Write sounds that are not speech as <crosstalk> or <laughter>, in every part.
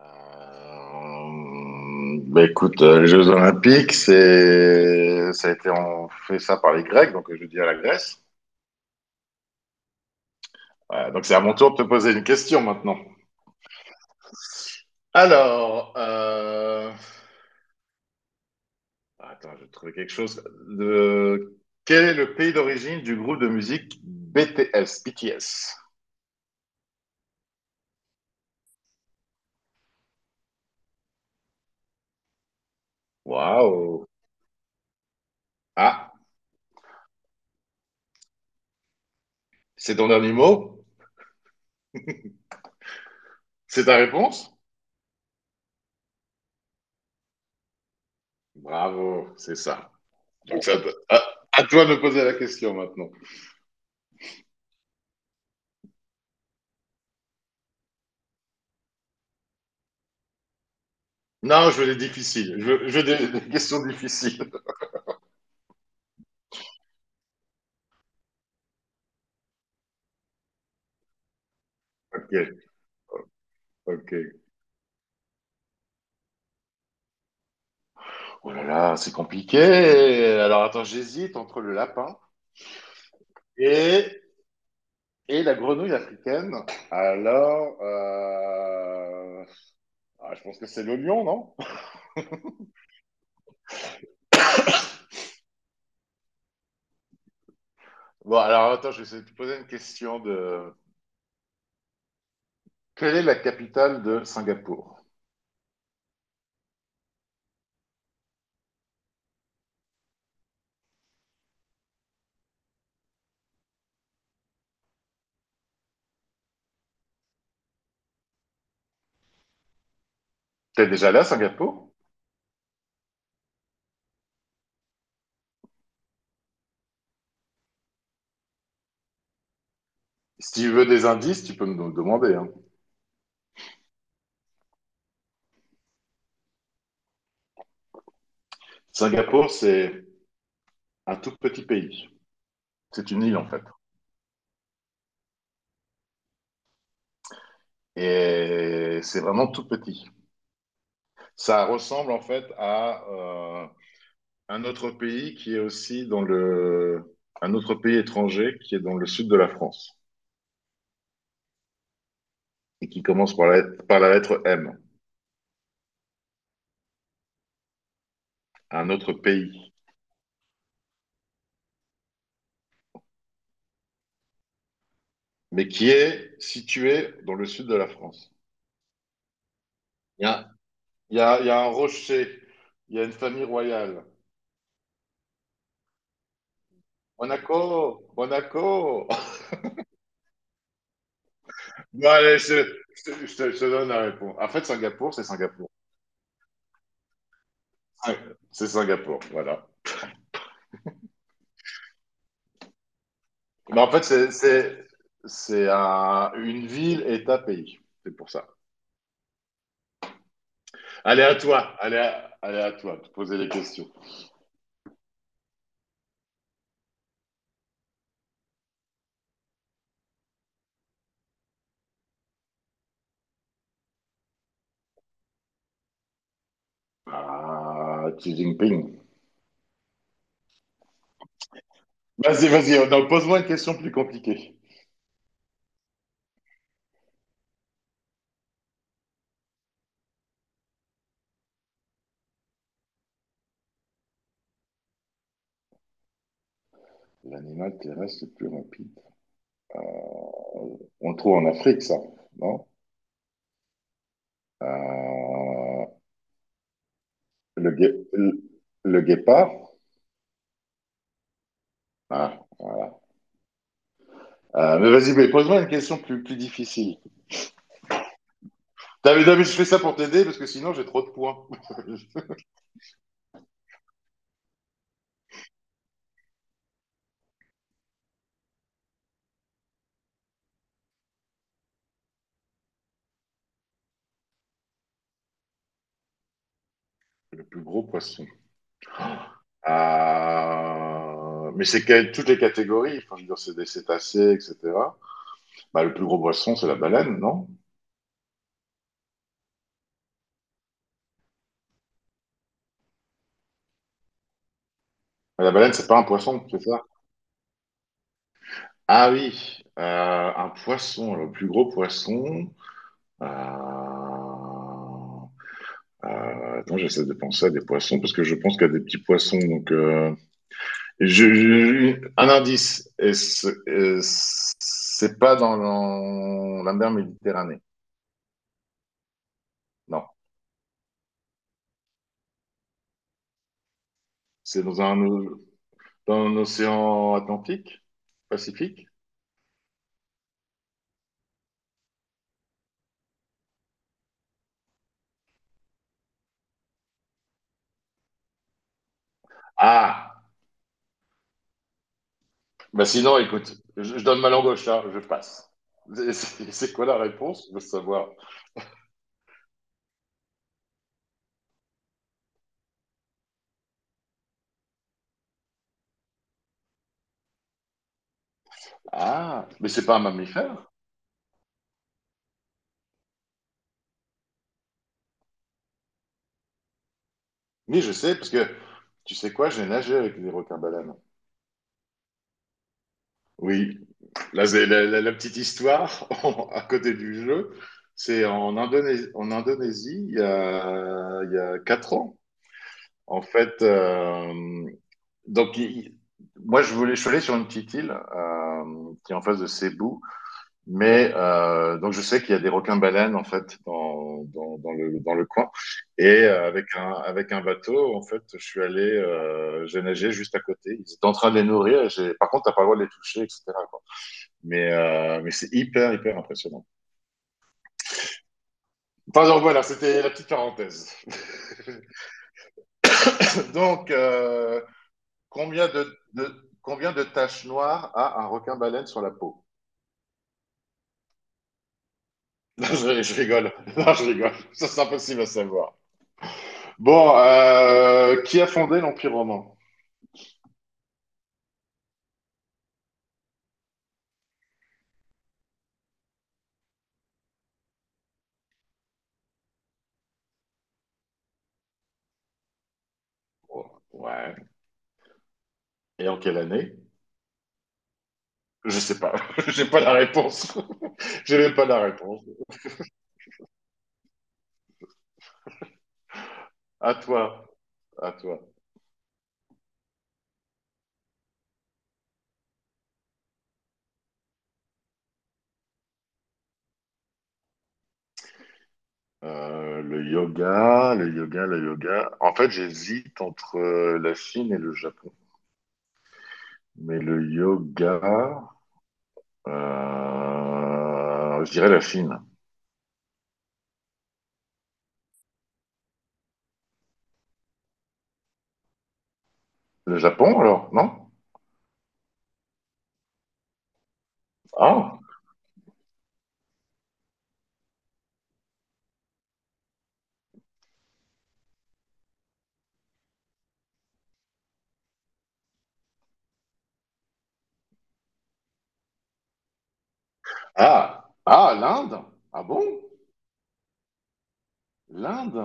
Bah écoute, les Jeux Olympiques, c'est, ça a été, on fait ça par les Grecs, donc je dis à la Grèce. Donc c'est à mon tour de te poser une question maintenant. Alors, attends, je vais trouver quelque chose. De... Quel est le pays d'origine du groupe de musique BTS, BTS? Waouh! Ah, c'est ton dernier mot? C'est ta réponse? Bravo, c'est ça. Donc ça, à, à toi de me poser la question maintenant. Non, je veux des difficiles. Je veux des, <laughs> des questions difficiles. <laughs> Ok, ok. Oh là là, c'est compliqué. Alors attends, j'hésite entre le lapin et, et la grenouille africaine. Alors, ah, je pense que c'est le lion, non? <laughs> Bon, alors attends, je vais essayer de te poser une question. Quelle est la capitale de Singapour? T'es déjà là, Singapour? Si tu veux des indices, tu peux me le demander, hein. Singapour, c'est un tout petit pays. C'est une île, en fait. Et c'est vraiment tout petit. Ça ressemble en fait à un autre pays qui est aussi dans le un autre pays étranger qui est dans le sud de la France et qui commence par la lettre M, un autre pays, mais qui est situé dans le sud de la France. Il y a, il y a un rocher, il y a une famille royale. Monaco, Monaco. <laughs> Bon, allez, je te donne la réponse. En fait, Singapour, c'est Singapour. C'est Singapour, voilà. Mais en fait, c'est une ville et un pays. C'est pour ça. Allez à toi, allez à toi, de poser les questions. Ah, Xi Jinping. Vas-y, vas-y, non, pose-moi une question plus compliquée. L'animal terrestre le plus rapide. On le trouve en Afrique, ça, non? Euh, le, gué- le, le guépard. Ah, voilà. Mais vas-y, mais pose-moi une question plus difficile. David, David, je fais ça pour t'aider parce que sinon j'ai trop de points. <laughs> Le plus gros poisson. Mais c'est quelle toutes les catégories. Enfin, je veux dire, c'est des cétacés, etc. Bah, le plus gros poisson, c'est la baleine, non? La baleine, c'est pas un poisson, c'est ça? Ah oui, un poisson, le plus gros poisson. Euh... Attends, j'essaie de penser à des poissons parce que je pense qu'il y a des petits poissons, donc. Un indice, c'est pas dans la mer Méditerranée. Non, c'est dans un océan Atlantique, Pacifique. Ah, bah sinon, écoute, je donne ma langue au chat, je passe. C'est quoi la réponse? Je veux savoir. Ah, mais c'est pas un mammifère? Oui, je sais, parce que tu sais quoi, j'ai nagé avec des requins-baleines. Oui, là, c'est la petite histoire <laughs> à côté du jeu, c'est en Indonésie, il y a quatre ans. En fait, donc moi je voulais, je suis allé sur une petite île qui est en face de Cebu, mais donc je sais qu'il y a des requins-baleines en fait dans le coin. Et avec un bateau, en fait, je suis allé, j'ai nagé juste à côté. Ils étaient en train de les nourrir. Par contre, t'as pas le droit de les toucher, etc. Mais c'est hyper, hyper impressionnant. Enfin, donc voilà, c'était la petite parenthèse. <laughs> Donc, combien de taches noires a un requin-baleine sur la peau? <laughs> Non, je rigole. <laughs> Non, je rigole. Ça, c'est impossible à savoir. Bon, qui a fondé l'Empire romain? Ouais. Et en quelle année? Je sais pas. <laughs> J'ai pas la réponse. <laughs> J'ai même pas la réponse. À toi. À toi. Le yoga. En fait, j'hésite entre la Chine et le Japon. Mais le yoga, je dirais la Chine. Le Japon, alors, non? Ah, ah, ah, l'Inde? Ah bon? L'Inde?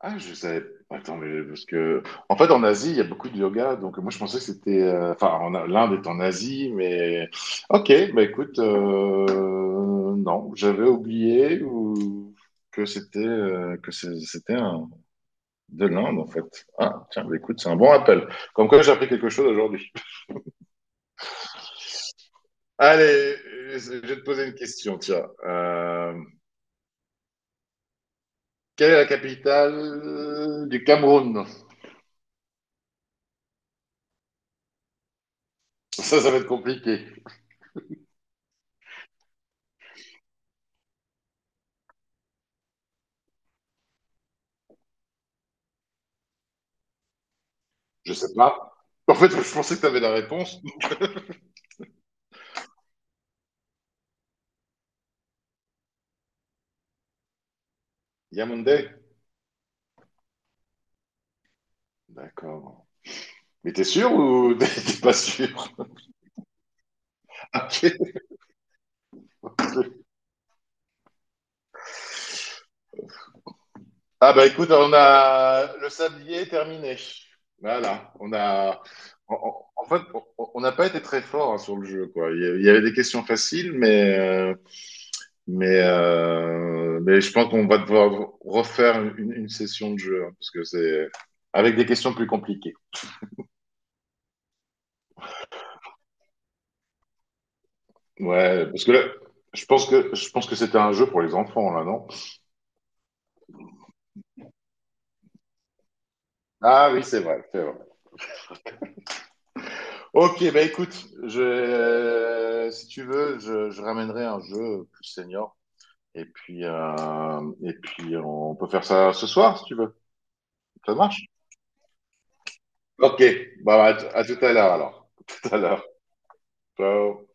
Ah, je savais. Attends, mais parce que. En fait, en Asie, il y a beaucoup de yoga. Donc, moi, je pensais que c'était. Enfin, l'Inde est en Asie, mais. Ok, bah écoute, non, j'avais oublié ou... que c'était un... de l'Inde, en fait. Ah, tiens, bah écoute, c'est un bon appel. Comme quoi, j'ai appris quelque chose aujourd'hui. Allez, je vais te poser une question, tiens. Quelle est la capitale du Cameroun? Ça va être compliqué. Je sais pas. En fait, je pensais que tu avais la réponse. Yamonde. D'accord. Mais t'es sûr ou <laughs> t'es pas sûr. <laughs> Ok. Ah bah écoute, on a le sablier terminé. Voilà, on a. En fait, on n'a pas été très fort hein, sur le jeu, quoi. Il y avait des questions faciles, mais mais je pense qu'on va devoir refaire une session de jeu hein, parce que c'est avec des questions plus compliquées. Ouais, parce que là, je pense que c'était un jeu pour les enfants là, non? Ah oui, c'est vrai, c'est vrai. Ok, bah écoute, si tu veux, je ramènerai un jeu plus senior. Et puis, on peut faire ça ce soir, si tu veux. Ça marche? Ok, bah, à tout à l'heure alors. <laughs> Tout à l'heure. Ciao.